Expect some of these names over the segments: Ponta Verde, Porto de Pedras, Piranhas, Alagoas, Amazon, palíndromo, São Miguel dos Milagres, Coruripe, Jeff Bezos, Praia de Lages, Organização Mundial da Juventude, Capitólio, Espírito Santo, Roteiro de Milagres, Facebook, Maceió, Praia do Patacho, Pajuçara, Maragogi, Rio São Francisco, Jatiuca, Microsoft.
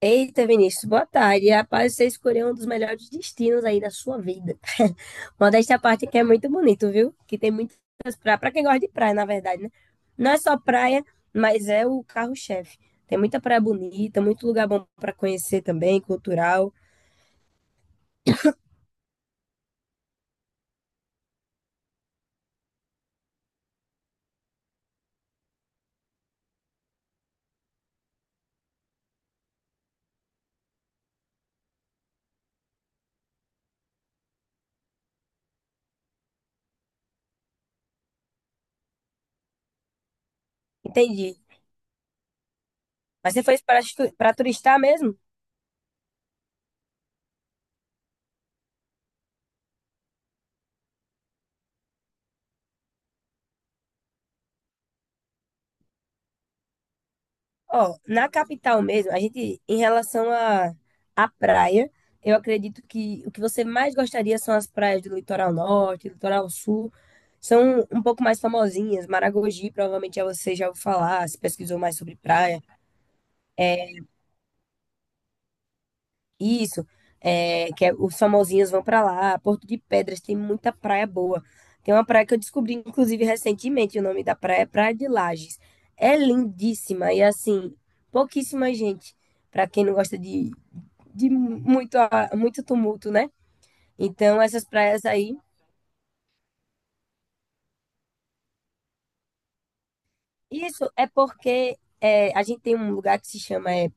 Eita, Vinícius, boa tarde. Rapaz, você escolheu um dos melhores destinos aí da sua vida. Modéstia à parte, que é muito bonito, viu? Que tem muitas praias. Pra quem gosta de praia, na verdade, né? Não é só praia, mas é o carro-chefe. Tem muita praia bonita, muito lugar bom pra conhecer também, cultural. Entendi. Mas você foi para turistar mesmo? Ó, na capital mesmo, a gente, em relação à praia, eu acredito que o que você mais gostaria são as praias do litoral norte, litoral sul, são um pouco mais famosinhas. Maragogi, provavelmente já você já ouviu falar, se pesquisou mais sobre praia. Isso, é, os famosinhos vão pra lá. Porto de Pedras tem muita praia boa. Tem uma praia que eu descobri, inclusive, recentemente. O nome da praia é Praia de Lages. É lindíssima e, assim, pouquíssima gente. Pra quem não gosta de muito tumulto, né? Então, essas praias aí. Isso é porque é, a gente tem um lugar que se chama é,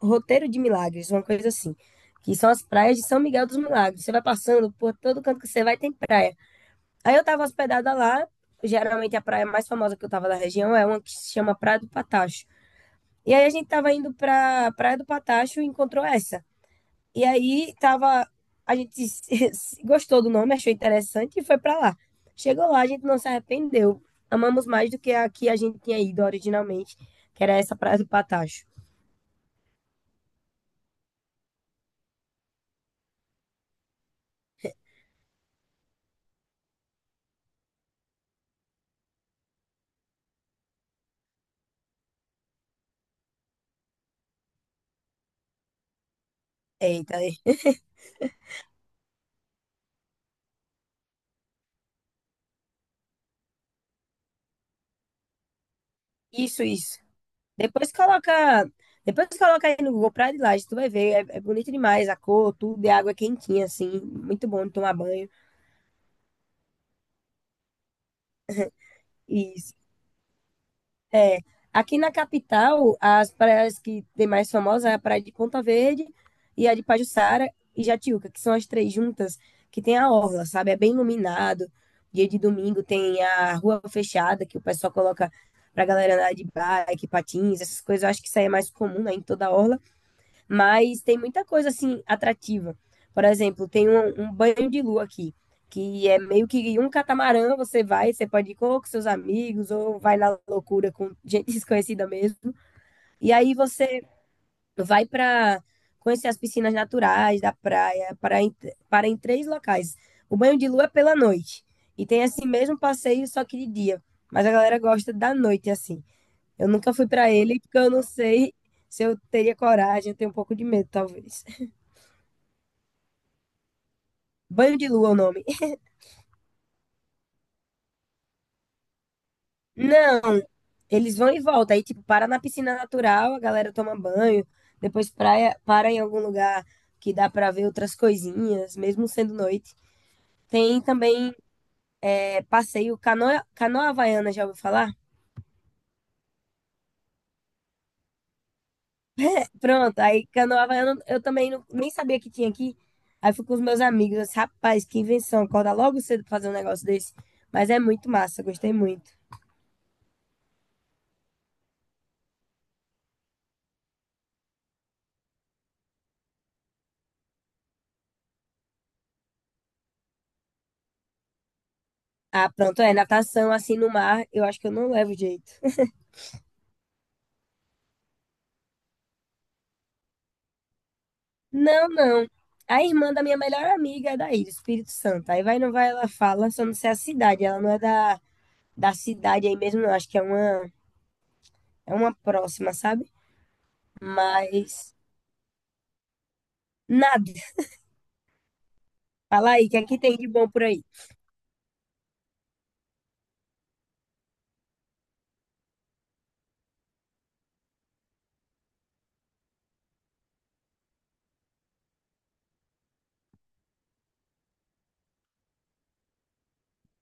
Roteiro de Milagres, uma coisa assim. Que são as praias de São Miguel dos Milagres. Você vai passando por todo canto que você vai, tem praia. Aí eu tava hospedada lá, geralmente a praia mais famosa que eu tava da região é uma que se chama Praia do Patacho. E aí a gente tava indo pra Praia do Patacho e encontrou essa. E aí tava, a gente gostou do nome, achou interessante e foi pra lá. Chegou lá, a gente não se arrependeu. Amamos mais do que a gente tinha ido originalmente, que era essa Praia do Patacho. Eita, isso, isso. Depois coloca, depois coloca aí no Google Praia de Laje, tu vai ver, é, é bonito demais a cor, tudo, e a água é quentinha assim, muito bom de tomar banho. Isso. É, aqui na capital, as praias que tem mais famosas é a praia de Ponta Verde e a de Pajuçara e Jatiuca, que são as três juntas que tem a orla, sabe? É bem iluminado. Dia de domingo tem a rua fechada que o pessoal coloca pra galera andar de bike, patins, essas coisas. Eu acho que isso aí é mais comum, né, em toda a orla. Mas tem muita coisa assim atrativa. Por exemplo, tem um, um banho de lua aqui, que é meio que um catamarã, você vai, você pode ir ou com seus amigos, ou vai na loucura com gente desconhecida mesmo. E aí você vai para conhecer as piscinas naturais da praia, para em três locais. O banho de lua é pela noite. E tem esse mesmo passeio, só que de dia. Mas a galera gosta da noite, assim. Eu nunca fui para ele, porque eu não sei se eu teria coragem, eu tenho um pouco de medo, talvez. Banho de lua é o nome. Não, eles vão e voltam. Aí, tipo, para na piscina natural, a galera toma banho, depois praia, para em algum lugar que dá para ver outras coisinhas, mesmo sendo noite. Tem também é, passeio canoa, canoa havaiana, já ouviu falar? Pronto, aí canoa havaiana eu também nem sabia que tinha aqui. Aí fui com os meus amigos, eu disse, rapaz, que invenção, acorda logo cedo pra fazer um negócio desse. Mas é muito massa, gostei muito. Ah, pronto, é natação assim no mar, eu acho que eu não levo jeito. Não, não. A irmã da minha melhor amiga é daí, do Espírito Santo. Aí vai, não vai, ela fala, só não sei a cidade. Ela não é da, da cidade aí mesmo, não. Acho que é uma próxima, sabe? Mas nada. Fala aí, o que é que tem de bom por aí?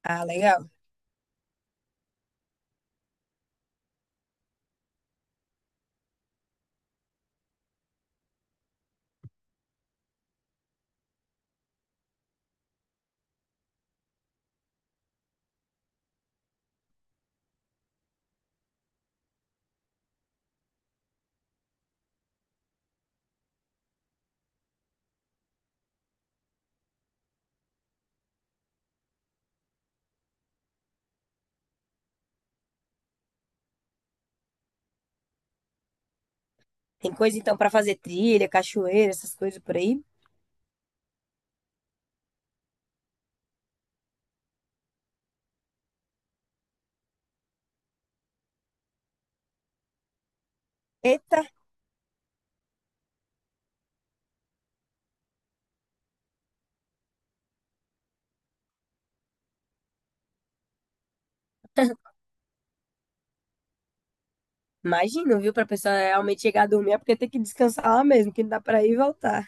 Ah, legal. Tem coisa então pra fazer trilha, cachoeira, essas coisas por aí. Eita, imagino, viu? Pra pessoa realmente chegar a dormir, é porque tem que descansar lá mesmo, que não dá pra ir e voltar.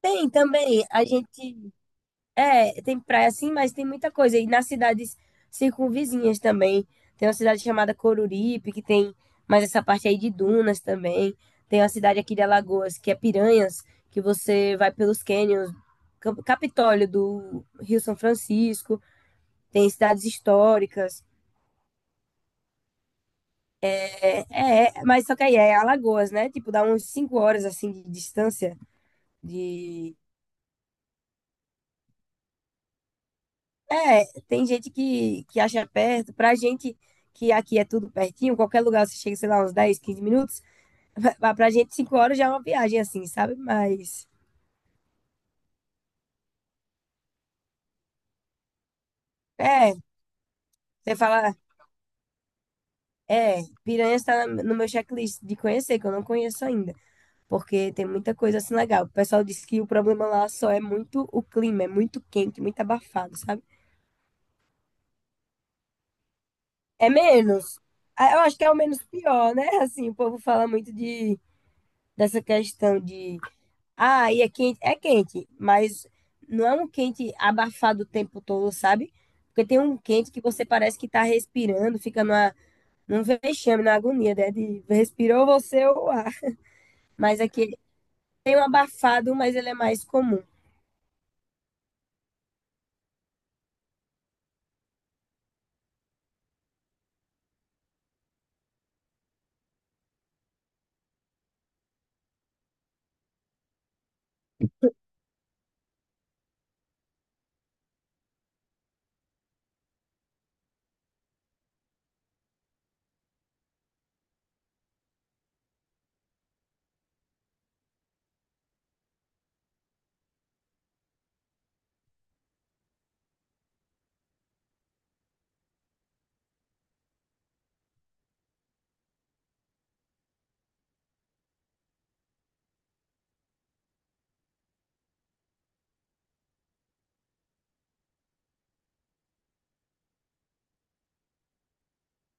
Tem também, a gente É, tem praia sim, mas tem muita coisa. E nas cidades circunvizinhas também. Tem uma cidade chamada Coruripe, que tem mais essa parte aí de dunas também. Tem uma cidade aqui de Alagoas, que é Piranhas, que você vai pelos cânions, Capitólio do Rio São Francisco. Tem cidades históricas. É, é, é, mas só que aí é Alagoas, né? Tipo, dá uns 5 horas assim de distância de É, tem gente que acha perto. Pra gente, que aqui é tudo pertinho, qualquer lugar você chega, sei lá, uns 10, 15 minutos. Pra gente, 5 horas já é uma viagem, assim, sabe? Mas, é, você fala, é, Piranha está no meu checklist de conhecer, que eu não conheço ainda. Porque tem muita coisa assim legal. O pessoal diz que o problema lá só é muito o clima, é muito quente, muito abafado, sabe? É menos. Ah, eu acho que é o menos pior, né? Assim, o povo fala muito de, dessa questão de Ah, e é quente, mas não é um quente abafado o tempo todo, sabe? Porque tem um quente que você parece que tá respirando, fica numa, num vexame, na agonia, né? De respirou você ou o ar. Mas aqui tem um abafado, mas ele é mais comum.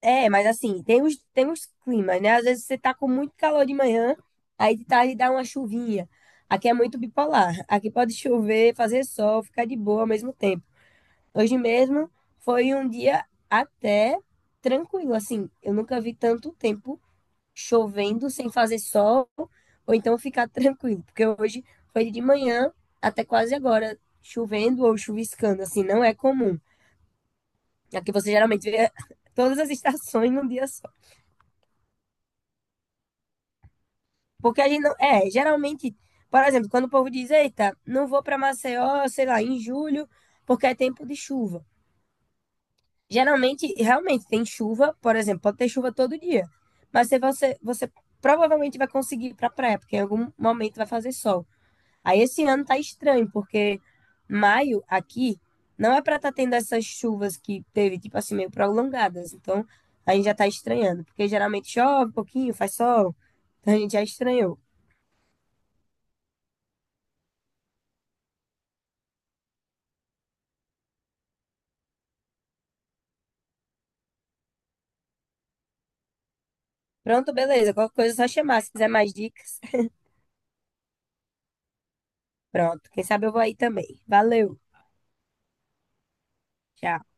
É, mas assim, tem os climas, né? Às vezes você tá com muito calor de manhã, aí de tarde dá uma chuvinha. Aqui é muito bipolar. Aqui pode chover, fazer sol, ficar de boa ao mesmo tempo. Hoje mesmo foi um dia até tranquilo, assim. Eu nunca vi tanto tempo chovendo sem fazer sol ou então ficar tranquilo, porque hoje foi de manhã até quase agora chovendo ou chuviscando, assim, não é comum. Aqui você geralmente vê todas as estações num dia só. Porque a gente não. É, geralmente, por exemplo, quando o povo diz, eita, não vou para Maceió, sei lá, em julho, porque é tempo de chuva. Geralmente, realmente, tem chuva, por exemplo, pode ter chuva todo dia. Mas se você, você provavelmente vai conseguir ir pra praia, porque em algum momento vai fazer sol. Aí esse ano tá estranho, porque maio aqui não é para estar tendo essas chuvas que teve, tipo assim, meio prolongadas. Então, a gente já tá estranhando, porque geralmente chove um pouquinho, faz sol. Então a gente já estranhou. Pronto, beleza. Qualquer coisa é só chamar. Se quiser mais dicas, pronto. Quem sabe eu vou aí também. Valeu. Tchau.